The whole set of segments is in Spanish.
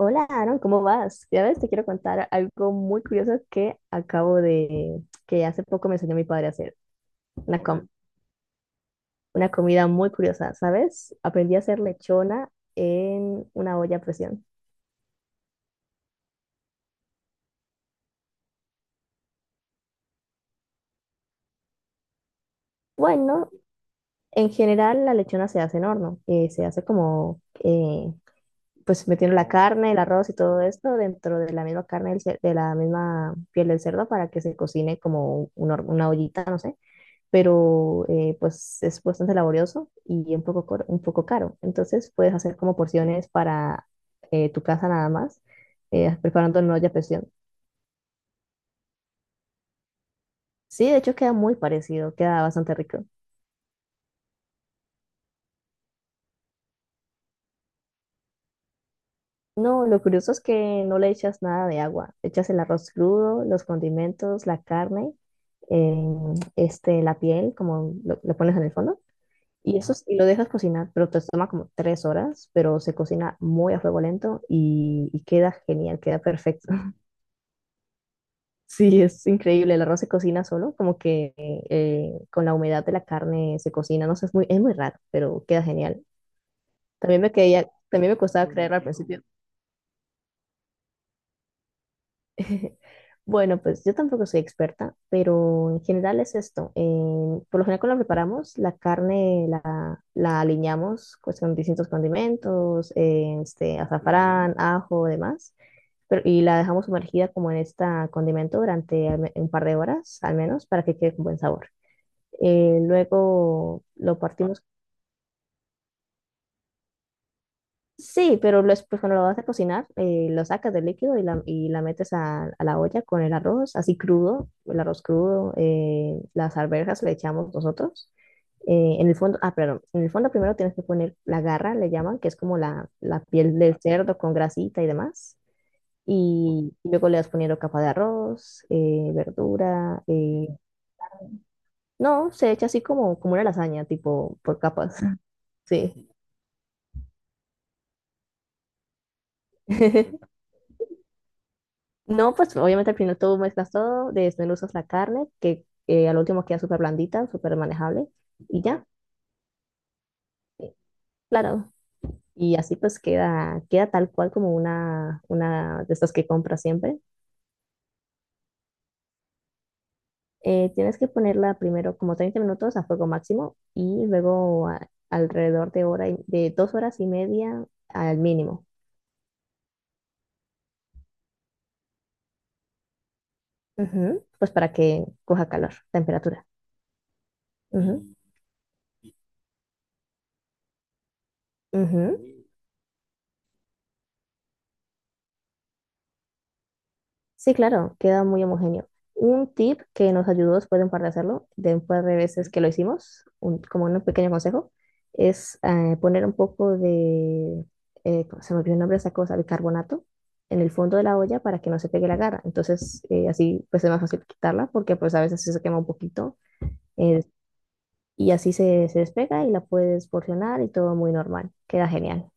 Hola Aaron, ¿cómo vas? Ya ves, te quiero contar algo muy curioso que acabo de, que hace poco me enseñó mi padre a hacer. Una, com- una comida muy curiosa, ¿sabes? Aprendí a hacer lechona en una olla a presión. Bueno, en general la lechona se hace en horno, se hace pues metiendo la carne, el arroz y todo esto dentro de la misma carne, de la misma piel del cerdo para que se cocine como una ollita, no sé. Pero pues es bastante laborioso y un poco caro. Entonces puedes hacer como porciones para tu casa nada más, preparando en una olla a presión. Sí, de hecho queda muy parecido, queda bastante rico. No, lo curioso es que no le echas nada de agua, echas el arroz crudo, los condimentos, la carne, eh, este, la piel, lo pones en el fondo, y lo dejas cocinar, pero te toma como tres horas, pero se cocina muy a fuego lento y queda genial, queda perfecto. Sí, es increíble. El arroz se cocina solo, como que con la humedad de la carne se cocina. No sé, es muy raro, pero queda genial. También me costaba creer al principio. Bueno, pues yo tampoco soy experta, pero en general es esto. Por lo general cuando la preparamos, la aliñamos pues, con distintos condimentos, este, azafrán, ajo, demás, pero, y la dejamos sumergida como en este condimento durante un par de horas al menos para que quede con buen sabor. Luego lo partimos. Sí, pues cuando lo vas a cocinar, lo sacas del líquido y la metes a la olla con el arroz, así crudo, el arroz crudo, las arvejas le echamos nosotros. En el fondo, ah, perdón, en el fondo primero tienes que poner la garra, le llaman, que es como la piel del cerdo con grasita y demás. Y luego le vas poniendo capa de arroz, verdura. No, se echa así como una lasaña, tipo por capas. Sí. No, pues obviamente al final tú mezclas todo, desmenuzas la carne, que al último queda súper blandita, súper manejable, y ya, eh, claro. Y así pues queda, queda tal cual como una de estas que compras siempre. Tienes que ponerla primero como 30 minutos a fuego máximo y luego alrededor de dos horas y media al mínimo. Ujú, pues para que coja calor, temperatura. Ujú, ujú. Sí, claro, queda muy homogéneo. Un tip que nos ayudó después de un par de hacerlo, de un par de veces que lo hicimos, como un pequeño consejo, es poner un poco de, ¿cómo se me olvidó el nombre de esa cosa, bicarbonato, en el fondo de la olla para que no se pegue la garra. Entonces, así pues es más fácil quitarla porque pues a veces sí se quema un poquito eh, y así se despega y la puedes porcionar y todo muy normal. Queda genial.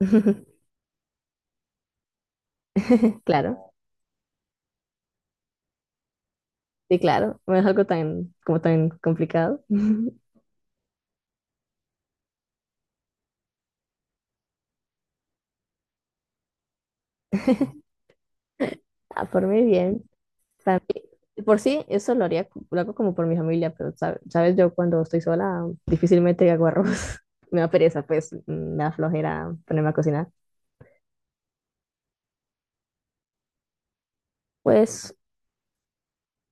Claro, sí, claro. No es algo tan, como tan complicado. Ah, por mí bien. También, por sí, eso lo haría, co- lo hago como por mi familia, pero sabes, yo cuando estoy sola difícilmente hago arroz. Me da pereza, pues, me da flojera ponerme a cocinar. Pues,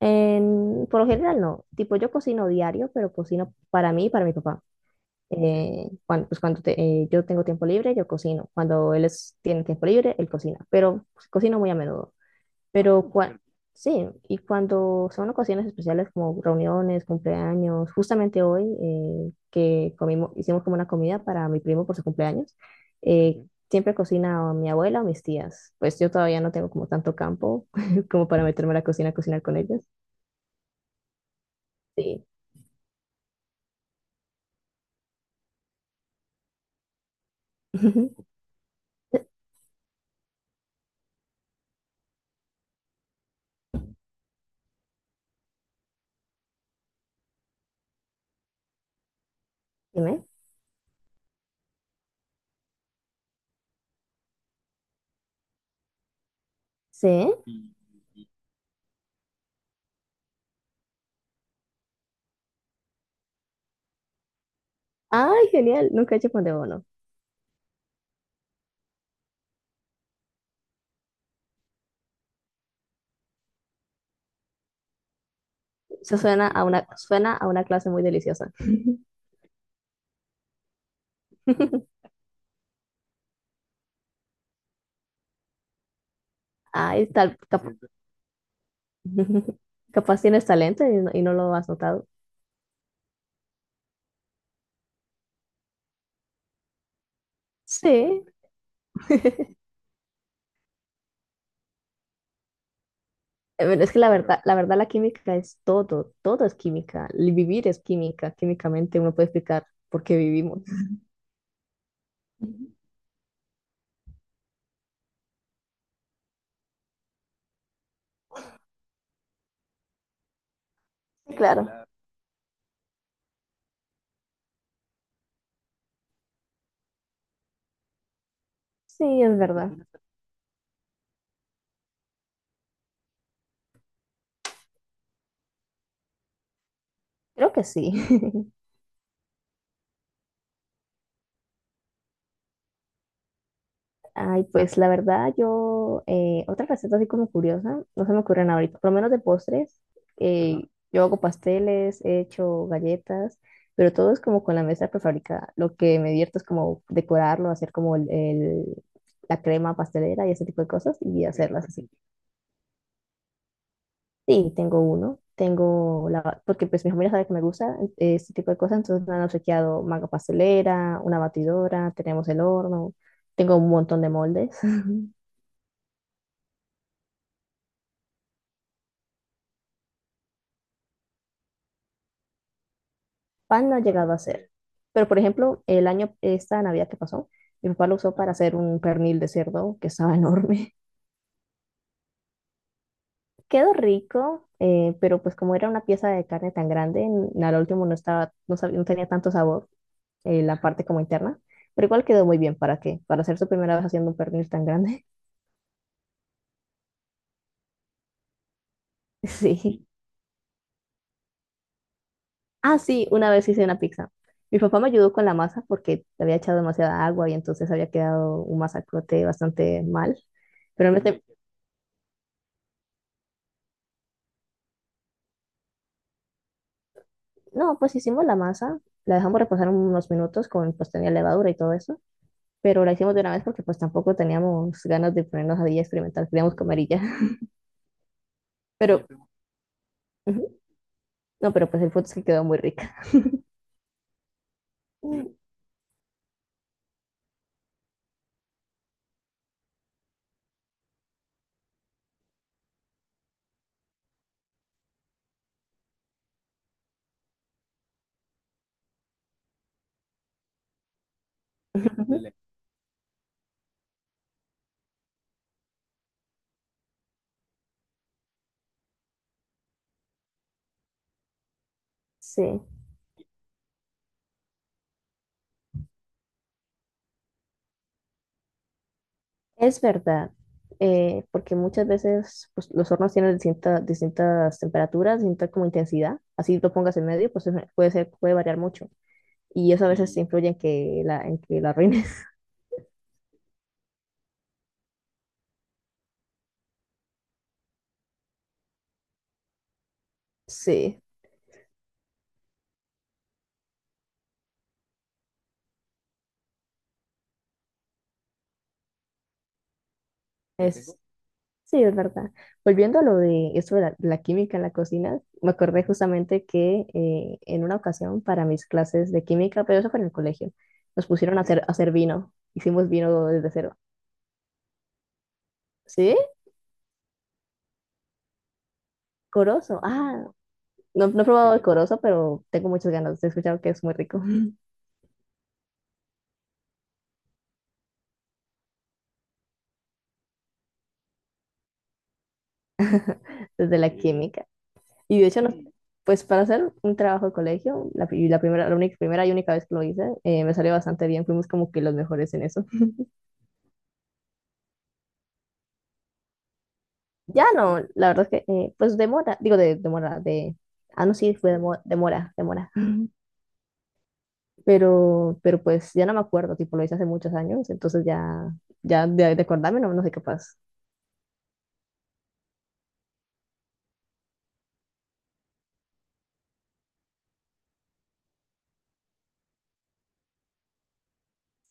en, por lo general no. Tipo, yo cocino diario, pero cocino para mí y para mi papá. Cuando, yo tengo tiempo libre, yo cocino. Cuando tiene tiempo libre, él cocina. Pero pues, cocino muy a menudo. Pero cuan- sí, y cuando son ocasiones especiales como reuniones, cumpleaños, justamente hoy que comimos, hicimos como una comida para mi primo por su cumpleaños, eh, siempre cocina o mi abuela o mis tías. Pues yo todavía no tengo como tanto campo como para meterme a la cocina a cocinar con ellas. Sí. Dime. Sí. Ay, genial. Nunca he hecho pan de bono. Eso suena a sí, una, suena a una clase muy deliciosa. Ay, tal, capaz tienes talento y no lo has notado. Sí, pero es que la verdad, la verdad la química es todo, todo es química, el vivir es química, químicamente uno puede explicar por qué vivimos. Ujú. Sí, claro, sí, es verdad, creo que sí. Ay, pues la verdad, yo, otra receta así como curiosa, no se me ocurren ahorita, por lo menos de postres, yo hago pasteles, he hecho galletas, pero todo es como con la mesa prefabricada. Lo que me divierto es como decorarlo, hacer como la crema pastelera y ese tipo de cosas y hacerlas así. Sí, tengo uno, tengo la, porque pues mi familia sabe que me gusta este tipo de cosas, entonces me han obsequiado manga pastelera, una batidora, tenemos el horno, tengo un montón de moldes. Pan no ha llegado a hacer. Pero, por ejemplo, el año, esta Navidad que pasó, mi papá lo usó para hacer un pernil de cerdo que estaba enorme. Quedó rico, pero pues como era una pieza de carne tan grande, al último no estaba, no sabía, no tenía tanto sabor la parte como interna, pero igual quedó muy bien. ¿Para qué? Para hacer su primera vez haciendo un pernil tan grande. Sí. Ah, sí, una vez hice una pizza. Mi papá me ayudó con la masa porque le había echado demasiada agua y entonces había quedado un masacote bastante mal. Pero él me, te- No, pues hicimos la masa, la dejamos reposar unos minutos con, pues tenía levadura y todo eso, pero la hicimos de una vez porque pues tampoco teníamos ganas de ponernos ahí a día experimental, queríamos comer y ya. Pero, ujú, no, pero pues el punto es que quedó muy rica. Sí, es verdad, porque muchas veces pues, los hornos tienen distintas temperaturas, distinta como intensidad, así lo pongas en medio, puede ser, puede variar mucho, y eso a veces influye en que la arruines. Sí, es... Sí, es verdad. Volviendo a lo de eso de la química en la cocina, me acordé justamente que en una ocasión para mis clases de química, pero eso fue en el colegio, nos pusieron a hacer vino. Hicimos vino desde cero. ¿Sí? Corozo. Ah, no, no he probado el sí, corozo, pero tengo muchas ganas. He escuchado que es muy rico desde la sí, química. Sí. Pues para hacer un trabajo de colegio, la primera, la única, primera y única vez que lo hice, me salió bastante bien. Fuimos como que los mejores en eso. Ya no, la verdad es que, pues demora, digo de demora, de, ah, no, sí, demora, demora, pero pues ya no me acuerdo, tipo lo hice hace muchos años, entonces ya, ya de acordarme no, no soy capaz.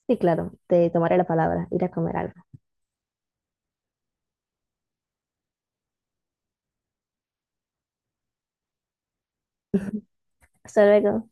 Sí, claro, te tomaré la palabra, ir a comer algo. Hasta luego.